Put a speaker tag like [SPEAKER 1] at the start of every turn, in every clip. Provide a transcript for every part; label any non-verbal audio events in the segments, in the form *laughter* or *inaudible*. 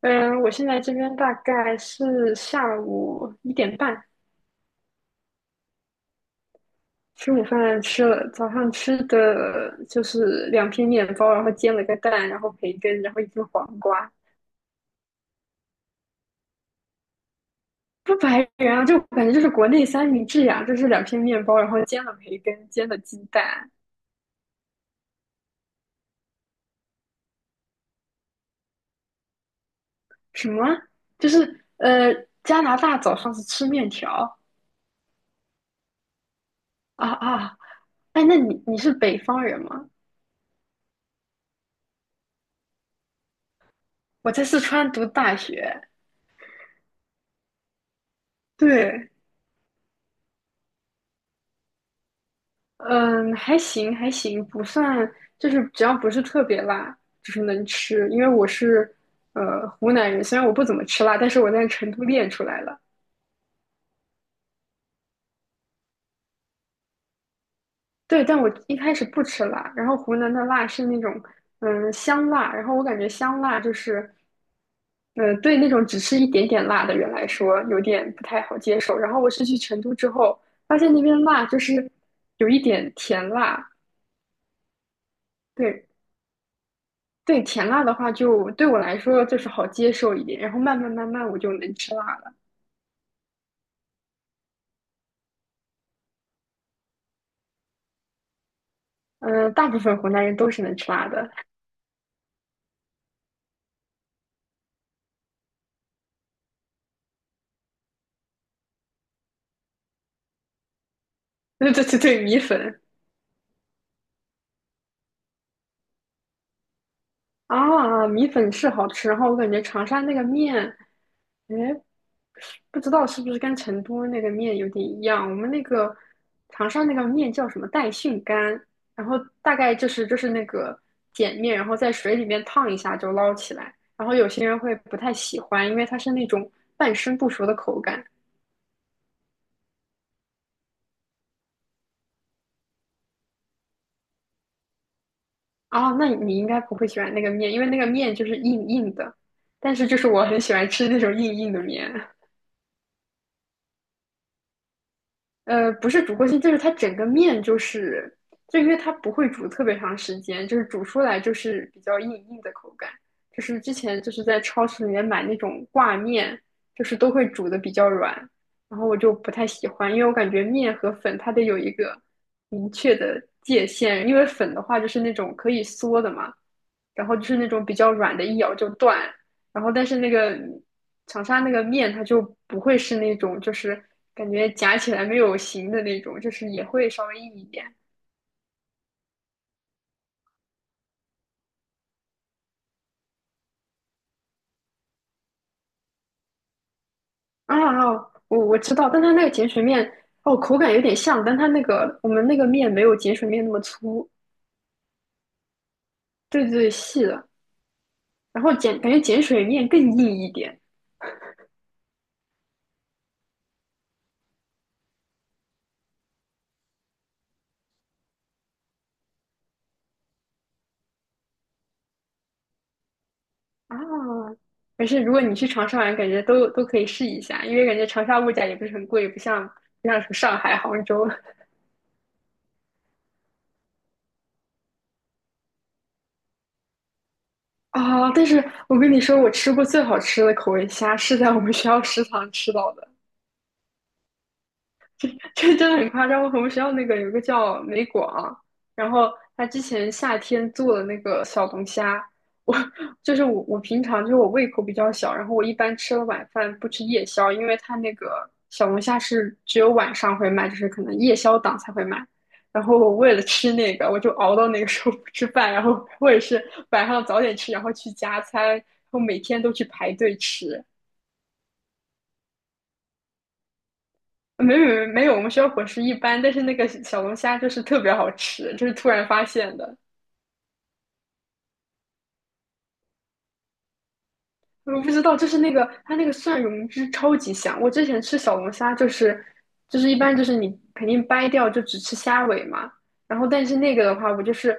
[SPEAKER 1] 嗯，我现在这边大概是下午1点半，吃午饭吃了，早上吃的就是两片面包，然后煎了个蛋，然后培根，然后一根黄瓜，不白人啊，就感觉就是国内三明治呀、就是两片面包，然后煎了培根，煎了鸡蛋。什么？就是加拿大早上是吃面条？啊啊，哎，那你是北方人吗？我在四川读大学。对。嗯，还行还行，不算，就是只要不是特别辣，就是能吃。因为我是湖南人，虽然我不怎么吃辣，但是我在成都练出来了。对，但我一开始不吃辣，然后湖南的辣是那种香辣。然后我感觉香辣就是嗯，对那种只吃一点点辣的人来说有点不太好接受。然后我是去成都之后，发现那边辣就是有一点甜辣。对，对甜辣的话就，对我来说就是好接受一点，然后慢慢慢慢我就能吃辣了。嗯，大部分湖南人都是能吃辣的。*laughs* 对对对对，米粉。啊，米粉是好吃。然后我感觉长沙那个面，哎，不知道是不是跟成都那个面有点一样。我们那个长沙那个面叫什么带训干，然后大概就是那个碱面，然后在水里面烫一下就捞起来。然后有些人会不太喜欢，因为它是那种半生不熟的口感。哦，那你应该不会喜欢那个面，因为那个面就是硬硬的，但是就是我很喜欢吃那种硬硬的面。不是煮过性，就是它整个面就是，就因为它不会煮特别长时间，就是煮出来就是比较硬硬的口感。就是之前就是在超市里面买那种挂面，就是都会煮的比较软，然后我就不太喜欢，因为我感觉面和粉它得有一个明确的界限，因为粉的话就是那种可以缩的嘛，然后就是那种比较软的，一咬就断。然后但是那个长沙那个面它就不会是那种就是感觉夹起来没有形的那种，就是也会稍微硬一点。啊，哦，我知道，但它那个碱水面哦，口感有点像，但它那个我们那个面没有碱水面那么粗。对对，细的。然后感觉碱水面更硬一点。啊，可是如果你去长沙玩，感觉都可以试一下，因为感觉长沙物价也不是很贵，不像什么上海、杭州。啊，但是我跟你说，我吃过最好吃的口味虾是在我们学校食堂吃到的。这真的很夸张。我们学校那个有一个叫美广，然后他之前夏天做的那个小龙虾，我我平常就是我胃口比较小，然后我一般吃了晚饭不吃夜宵，因为他那个小龙虾是只有晚上会卖，就是可能夜宵档才会卖。然后我为了吃那个，我就熬到那个时候不吃饭，然后或者是晚上早点吃，然后去加餐，然后每天都去排队吃。没有没有没有，我们学校伙食一般，但是那个小龙虾就是特别好吃，就是突然发现的。我不知道，就是那个它那个蒜蓉汁超级香。我之前吃小龙虾就是一般就是你肯定掰掉就只吃虾尾嘛，然后但是那个的话，我就是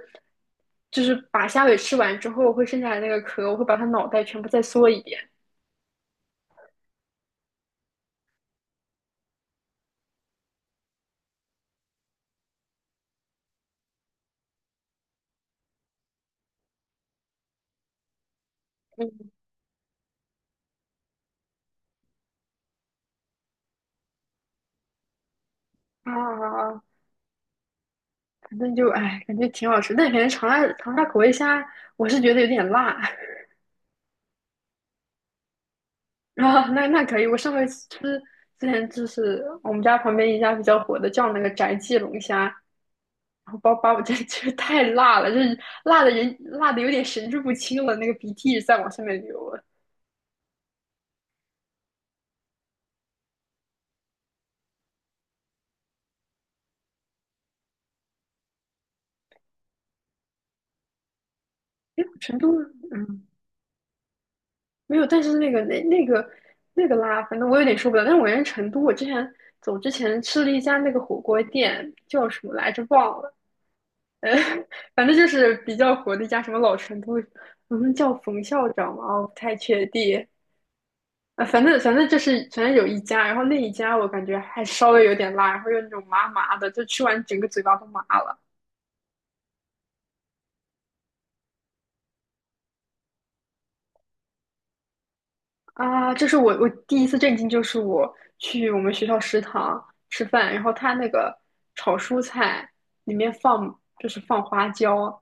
[SPEAKER 1] 就是把虾尾吃完之后，会剩下来那个壳，我会把它脑袋全部再嗦一遍。啊啊啊，反正就哎，感觉挺好吃，但感觉长沙口味虾，我是觉得有点辣。*laughs* 啊，那可以。我上回吃之前就是我们家旁边一家比较火的叫那个宅记龙虾，然后把我这 *laughs* 太辣了，就是辣的人辣的有点神志不清了，那个鼻涕在往上面流了。哎，成都嗯没有，但是那个那个辣，反正我有点受不了。但是我人成都，我之前走之前吃了一家那个火锅店，叫什么来着忘了，呃，*laughs* 反正就是比较火的一家什么老成都，好像叫冯校长嘛，哦我不太确定。啊，反正有一家，然后那一家我感觉还稍微有点辣，然后又那种麻麻的，就吃完整个嘴巴都麻了。啊！这是我第一次震惊，就是我去我们学校食堂吃饭，然后他那个炒蔬菜里面放就是放花椒。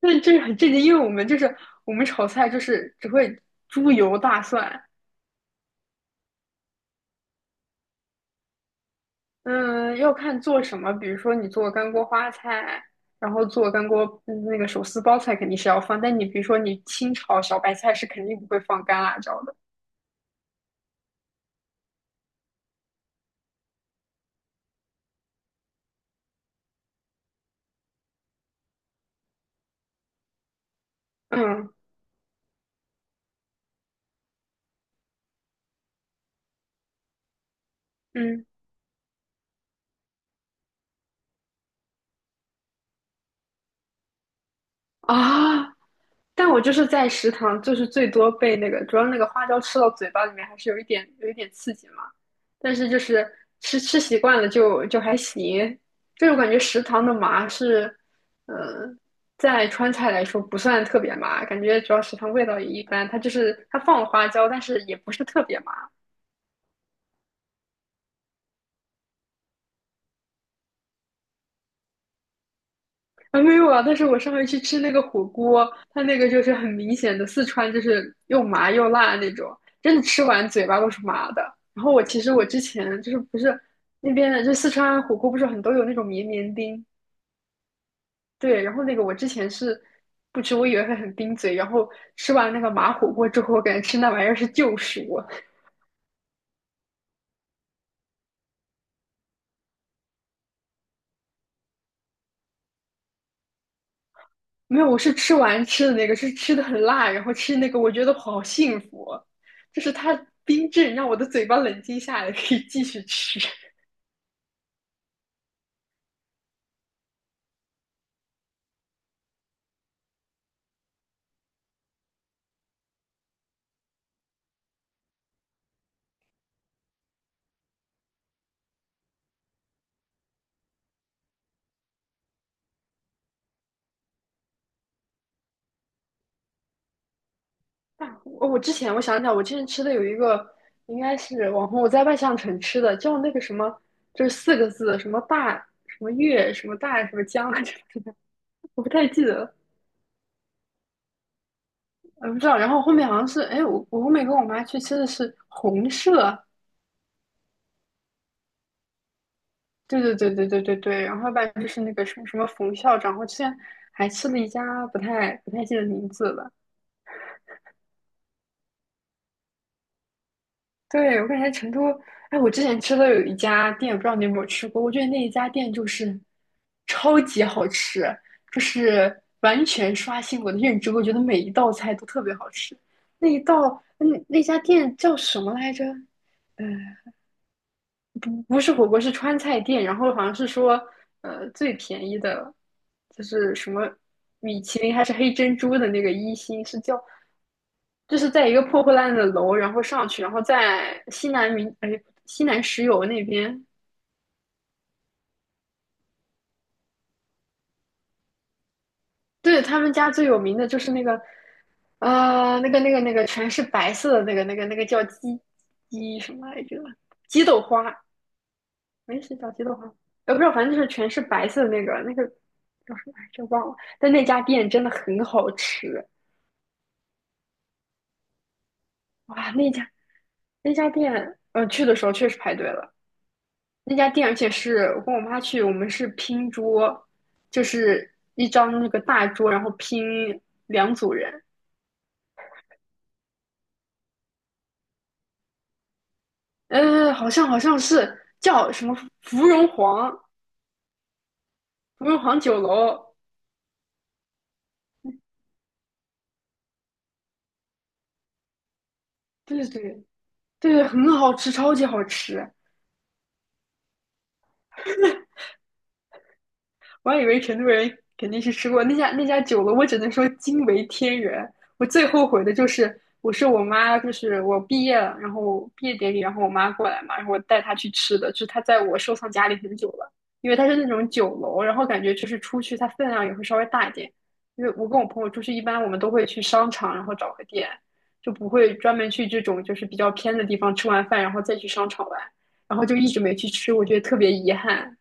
[SPEAKER 1] 那这是很震惊，因为我们炒菜只会猪油大蒜。嗯，要看做什么，比如说你做干锅花菜，然后做干锅那个手撕包菜肯定是要放，但你比如说你清炒小白菜是肯定不会放干辣椒的。嗯嗯。啊？但我就是在食堂，就是最多被那个，主要那个花椒吃到嘴巴里面还是有一点刺激嘛。但是就是吃习惯了就还行。就是我感觉食堂的麻是，嗯、呃在川菜来说不算特别麻，感觉主要食堂味道也一般。它就是它放了花椒，但是也不是特别麻。还没有啊，但是我上回去吃那个火锅，它那个就是很明显的四川，就是又麻又辣那种，真的吃完嘴巴都是麻的。然后我其实之前就是不是那边的就四川火锅不是很多有那种绵绵冰。对，然后那个我之前是不吃，我以为会很冰嘴，然后吃完那个麻火锅之后，我感觉吃那玩意儿是救赎啊。没有，我是吃完吃的那个，是吃的很辣，然后吃那个，我觉得好幸福啊，就是它冰镇让我的嘴巴冷静下来，可以继续吃。啊，我之前吃的有一个，应该是网红，我在万象城吃的，叫那个什么，就是四个字，什么大什么月什么大什么江来着，*laughs* 我不太记得了，呃，不知道。然后后面好像是，哎，我后面跟我妈去吃的是红舍。对对对对对对对，然后要不然就是那个什么什么冯校长，我之前还吃了一家不太记得名字了。对，我感觉成都，哎，我之前吃的有一家店，不知道你有没有吃过？我觉得那一家店就是超级好吃，就是完全刷新我的认知。我觉得每一道菜都特别好吃。那一道，那那家店叫什么来着？嗯。不是火锅，是川菜店，然后好像是说，最便宜的，就是什么米其林还是黑珍珠的那个一星，是叫，就是在一个破破烂烂的楼，然后上去，然后在西南民，哎，西南石油那边。对，他们家最有名的就是那个，呃，那个全是白色的那个叫鸡什么来着？鸡豆花，没洗脚机的话，呃，不知道，反正就是全是白色的那个，那个叫什么来着忘了。但那家店真的很好吃。哇，那家店，呃，去的时候确实排队了。那家店，而且是我跟我妈去，我们是拼桌，就是一张那个大桌，然后拼两组人。呃，好像是叫什么芙蓉皇，芙蓉皇酒楼。对对对对，很好吃，超级好吃。我还以为成都人肯定是吃过那家酒楼，我只能说惊为天人。我最后悔的就是，我是我妈，就是我毕业了，然后毕业典礼，然后我妈过来嘛，然后我带她去吃的，就是她在我收藏夹里很久了，因为它是那种酒楼，然后感觉就是出去它分量也会稍微大一点。因为我跟我朋友出去，一般我们都会去商场，然后找个店，就不会专门去这种就是比较偏的地方吃完饭，然后再去商场玩，然后就一直没去吃，我觉得特别遗憾。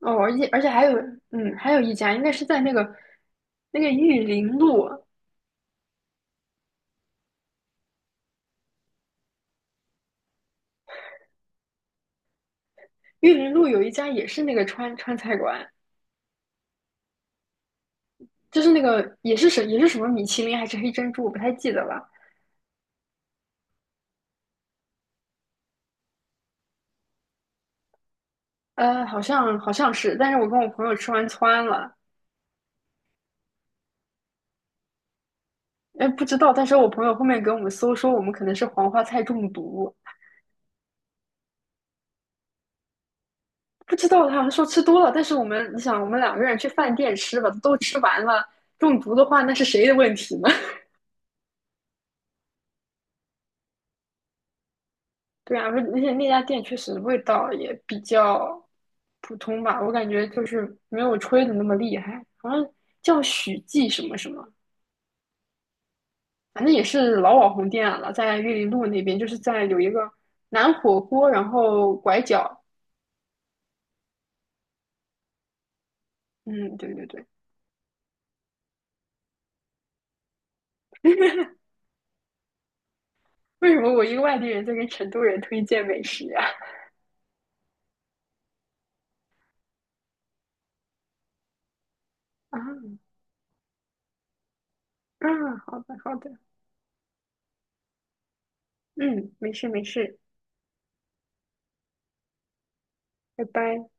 [SPEAKER 1] 哦，而且还有，嗯，还有一家应该是在那个玉林路。玉林路有一家也是那个川菜馆，就是那个也是什么米其林还是黑珍珠，我不太记得了，呃，好像是，但是我跟我朋友吃完窜了。哎，不知道，但是我朋友后面给我们搜说我们可能是黄花菜中毒，不知道他好像说吃多了，但是我们你想我们两个人去饭店吃吧，都吃完了，中毒的话那是谁的问题呢？对啊，而且那家店确实味道也比较普通吧，我感觉就是没有吹的那么厉害，好像叫许记什么什么，反正也是老网红店了，在玉林路那边，就是在有一个南火锅，然后拐角。嗯，对对对，为什么我一个外地人在跟成都人推荐美食呀、*laughs* 啊？啊啊，好的好的。嗯，没事没事，拜拜。